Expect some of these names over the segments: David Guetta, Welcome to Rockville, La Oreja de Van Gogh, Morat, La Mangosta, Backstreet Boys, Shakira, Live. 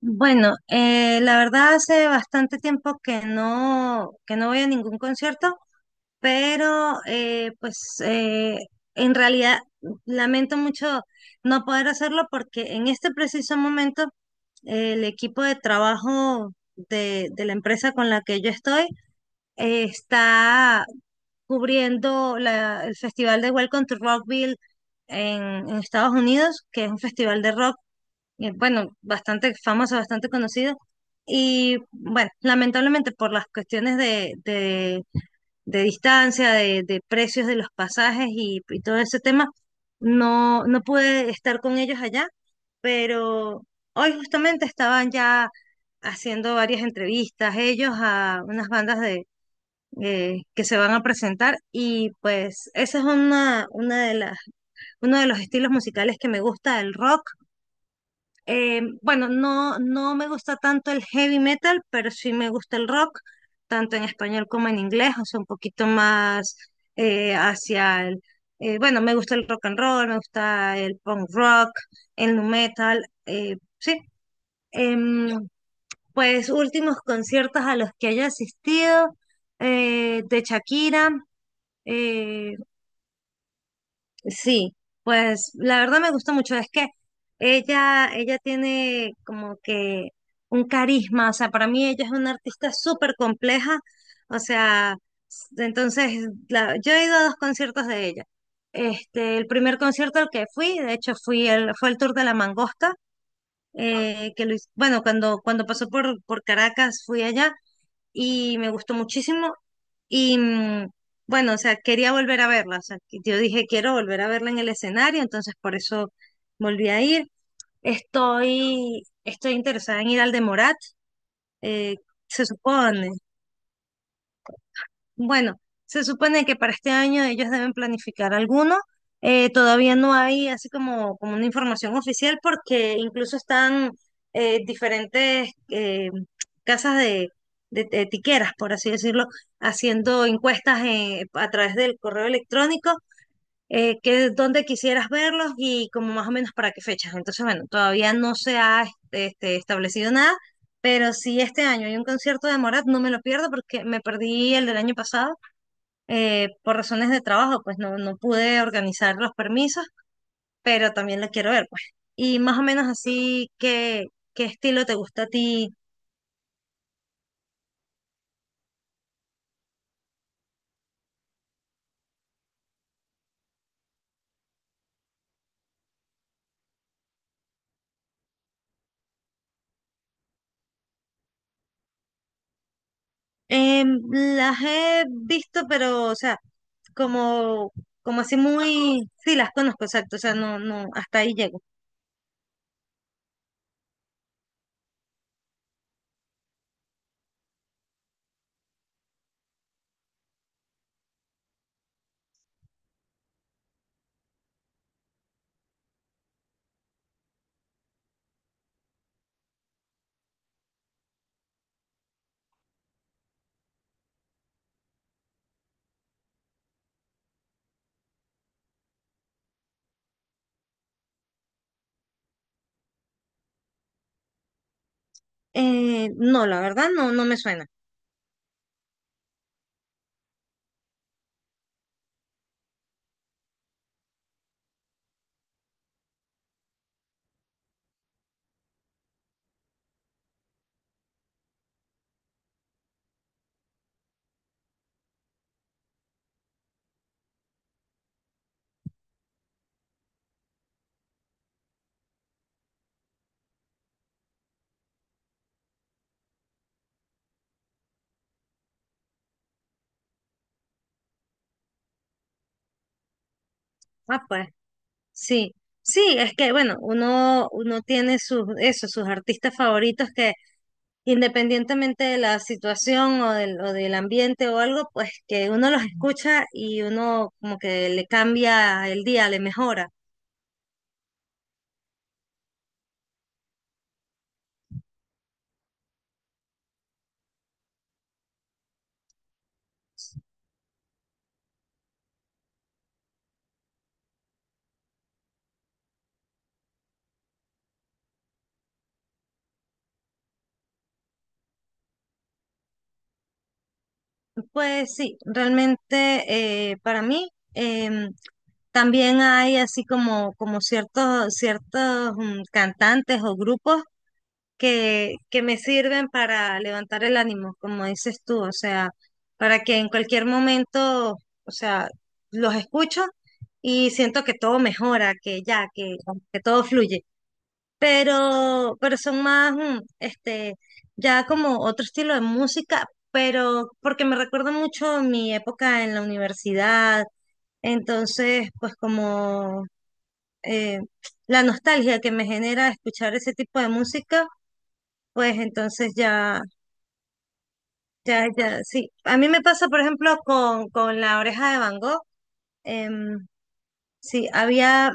Bueno, la verdad hace bastante tiempo que no voy a ningún concierto, pero eh, en realidad lamento mucho no poder hacerlo porque en este preciso momento el equipo de trabajo de la empresa con la que yo estoy está cubriendo el festival de Welcome to Rockville en Estados Unidos, que es un festival de rock bueno, bastante famoso, bastante conocido. Y bueno, lamentablemente por las cuestiones de distancia, de precios de los pasajes y todo ese tema, no pude estar con ellos allá, pero hoy justamente estaban ya haciendo varias entrevistas ellos a unas bandas de, que se van a presentar y pues ese es una de las, uno de los estilos musicales que me gusta, el rock. Bueno, no me gusta tanto el heavy metal, pero sí me gusta el rock, tanto en español como en inglés, o sea, un poquito más eh, hacia el, bueno, me gusta el rock and roll, me gusta el punk rock, el nu metal, sí. Em, pues últimos conciertos a los que haya asistido, de Shakira. eh, Sí, pues la verdad me gusta mucho. Es que ella tiene como que un carisma. O sea, para mí ella es una artista súper compleja. O sea, entonces yo he ido a dos conciertos de ella. Este, el primer concierto al que fui, de hecho, fue el tour de La Mangosta, bueno, cuando pasó por Caracas fui allá y me gustó muchísimo. Y bueno, o sea, quería volver a verla. O sea, que yo dije, quiero volver a verla en el escenario, entonces por eso volví a ir. Estoy interesada en ir al de Morat, eh, se supone. Bueno, se supone que para este año ellos deben planificar alguno. Todavía no hay así como, como una información oficial porque incluso están diferentes casas de, de tiqueras, por así decirlo, haciendo encuestas a través del correo electrónico, que dónde quisieras verlos y como más o menos para qué fechas. Entonces, bueno, todavía no se ha establecido nada, pero si este año hay un concierto de Morat, no me lo pierdo porque me perdí el del año pasado por razones de trabajo, pues no pude organizar los permisos, pero también la quiero ver, pues. Y más o menos así, ¿qué, qué estilo te gusta a ti? Em, las he visto, pero, o sea, como, como así muy, sí, las conozco, exacto, o sea, no, hasta ahí llego. No, la verdad, no me suena. Ah, pues, sí. Sí, es que, bueno, uno tiene sus, eso, sus artistas favoritos que independientemente de la situación o del ambiente o algo, pues que uno los escucha y uno como que le cambia el día, le mejora. Pues sí, realmente para mí también hay así como, como ciertos cantantes o grupos que me sirven para levantar el ánimo, como dices tú, o sea, para que en cualquier momento, o sea, los escucho y siento que todo mejora, que ya, que todo fluye. Pero son más, ya como otro estilo de música, pero porque me recuerda mucho mi época en la universidad, entonces, pues como eh, la nostalgia que me genera escuchar ese tipo de música pues entonces ya, ya, ya, sí. A mí me pasa, por ejemplo, con La Oreja de Van Gogh. em, sí, había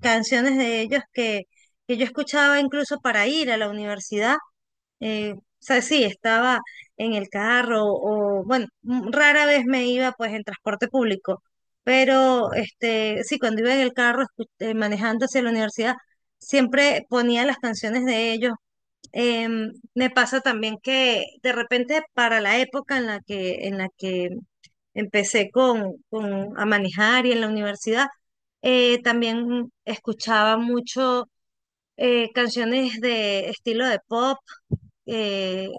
canciones de ellos que yo escuchaba incluso para ir a la universidad. O sea, sí, estaba en el carro o, bueno, rara vez me iba pues en transporte público, pero este, sí, cuando iba en el carro manejando hacia la universidad, siempre ponía las canciones de ellos. Me pasa también que de repente para la época en la que empecé a manejar y en la universidad, también escuchaba mucho canciones de estilo de pop. eh,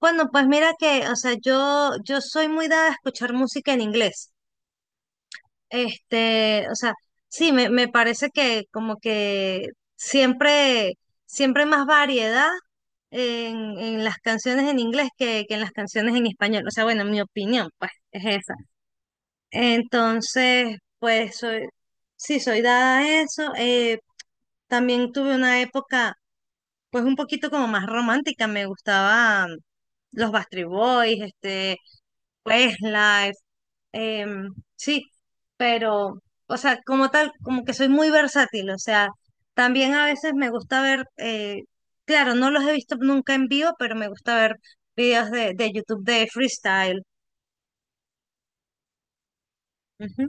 bueno, pues mira que, o sea, yo soy muy dada a escuchar música en inglés. Este, o sea, sí, me parece que como que siempre, siempre hay más variedad en las canciones en inglés que en las canciones en español. O sea, bueno, mi opinión, pues, es esa. Entonces, pues, soy, sí, soy dada a eso. También tuve una época, pues, un poquito como más romántica. Me gustaba los Backstreet Boys, este, Live, sí, pero, o sea, como tal, como que soy muy versátil, o sea, también a veces me gusta ver, claro, no los he visto nunca en vivo, pero me gusta ver videos de YouTube de freestyle. Ujú.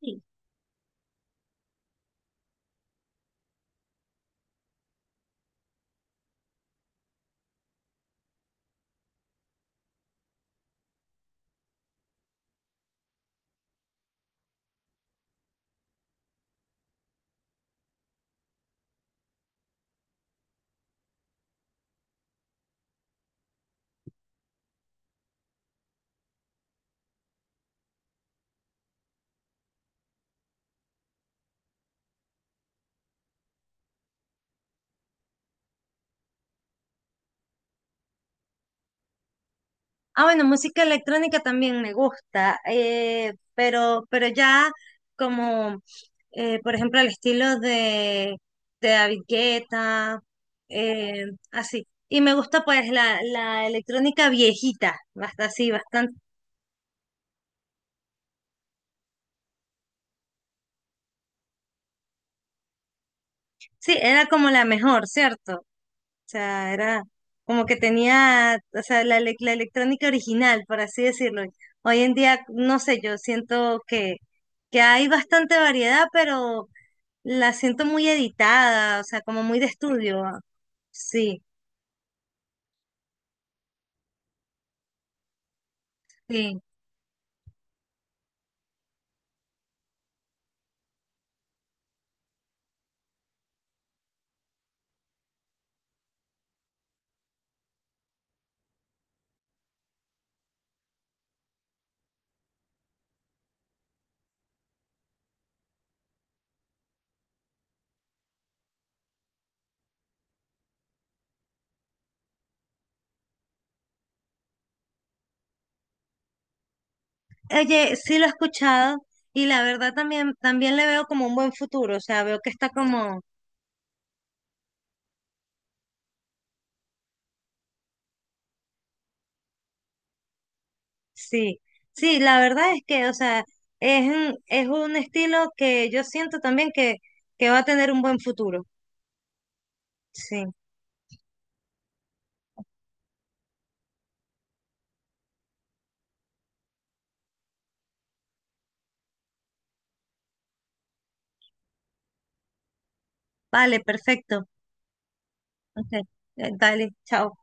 Sí. Ah, bueno, música electrónica también me gusta, pero ya como, por ejemplo, el estilo de David Guetta, eh, así. Y me gusta pues la electrónica viejita, basta así, bastante. Sí, era como la mejor, ¿cierto? O sea, era como que tenía, o sea, la electrónica original, por así decirlo. Hoy en día, no sé, yo siento que hay bastante variedad, pero la siento muy editada, o sea, como muy de estudio. Sí, sí. Oye, sí lo he escuchado y la verdad también, también le veo como un buen futuro, o sea, veo que está como, sí, sí, la verdad es que, o sea, es un estilo que yo siento también que va a tener un buen futuro. Sí, vale, perfecto. Ok, dale, chao.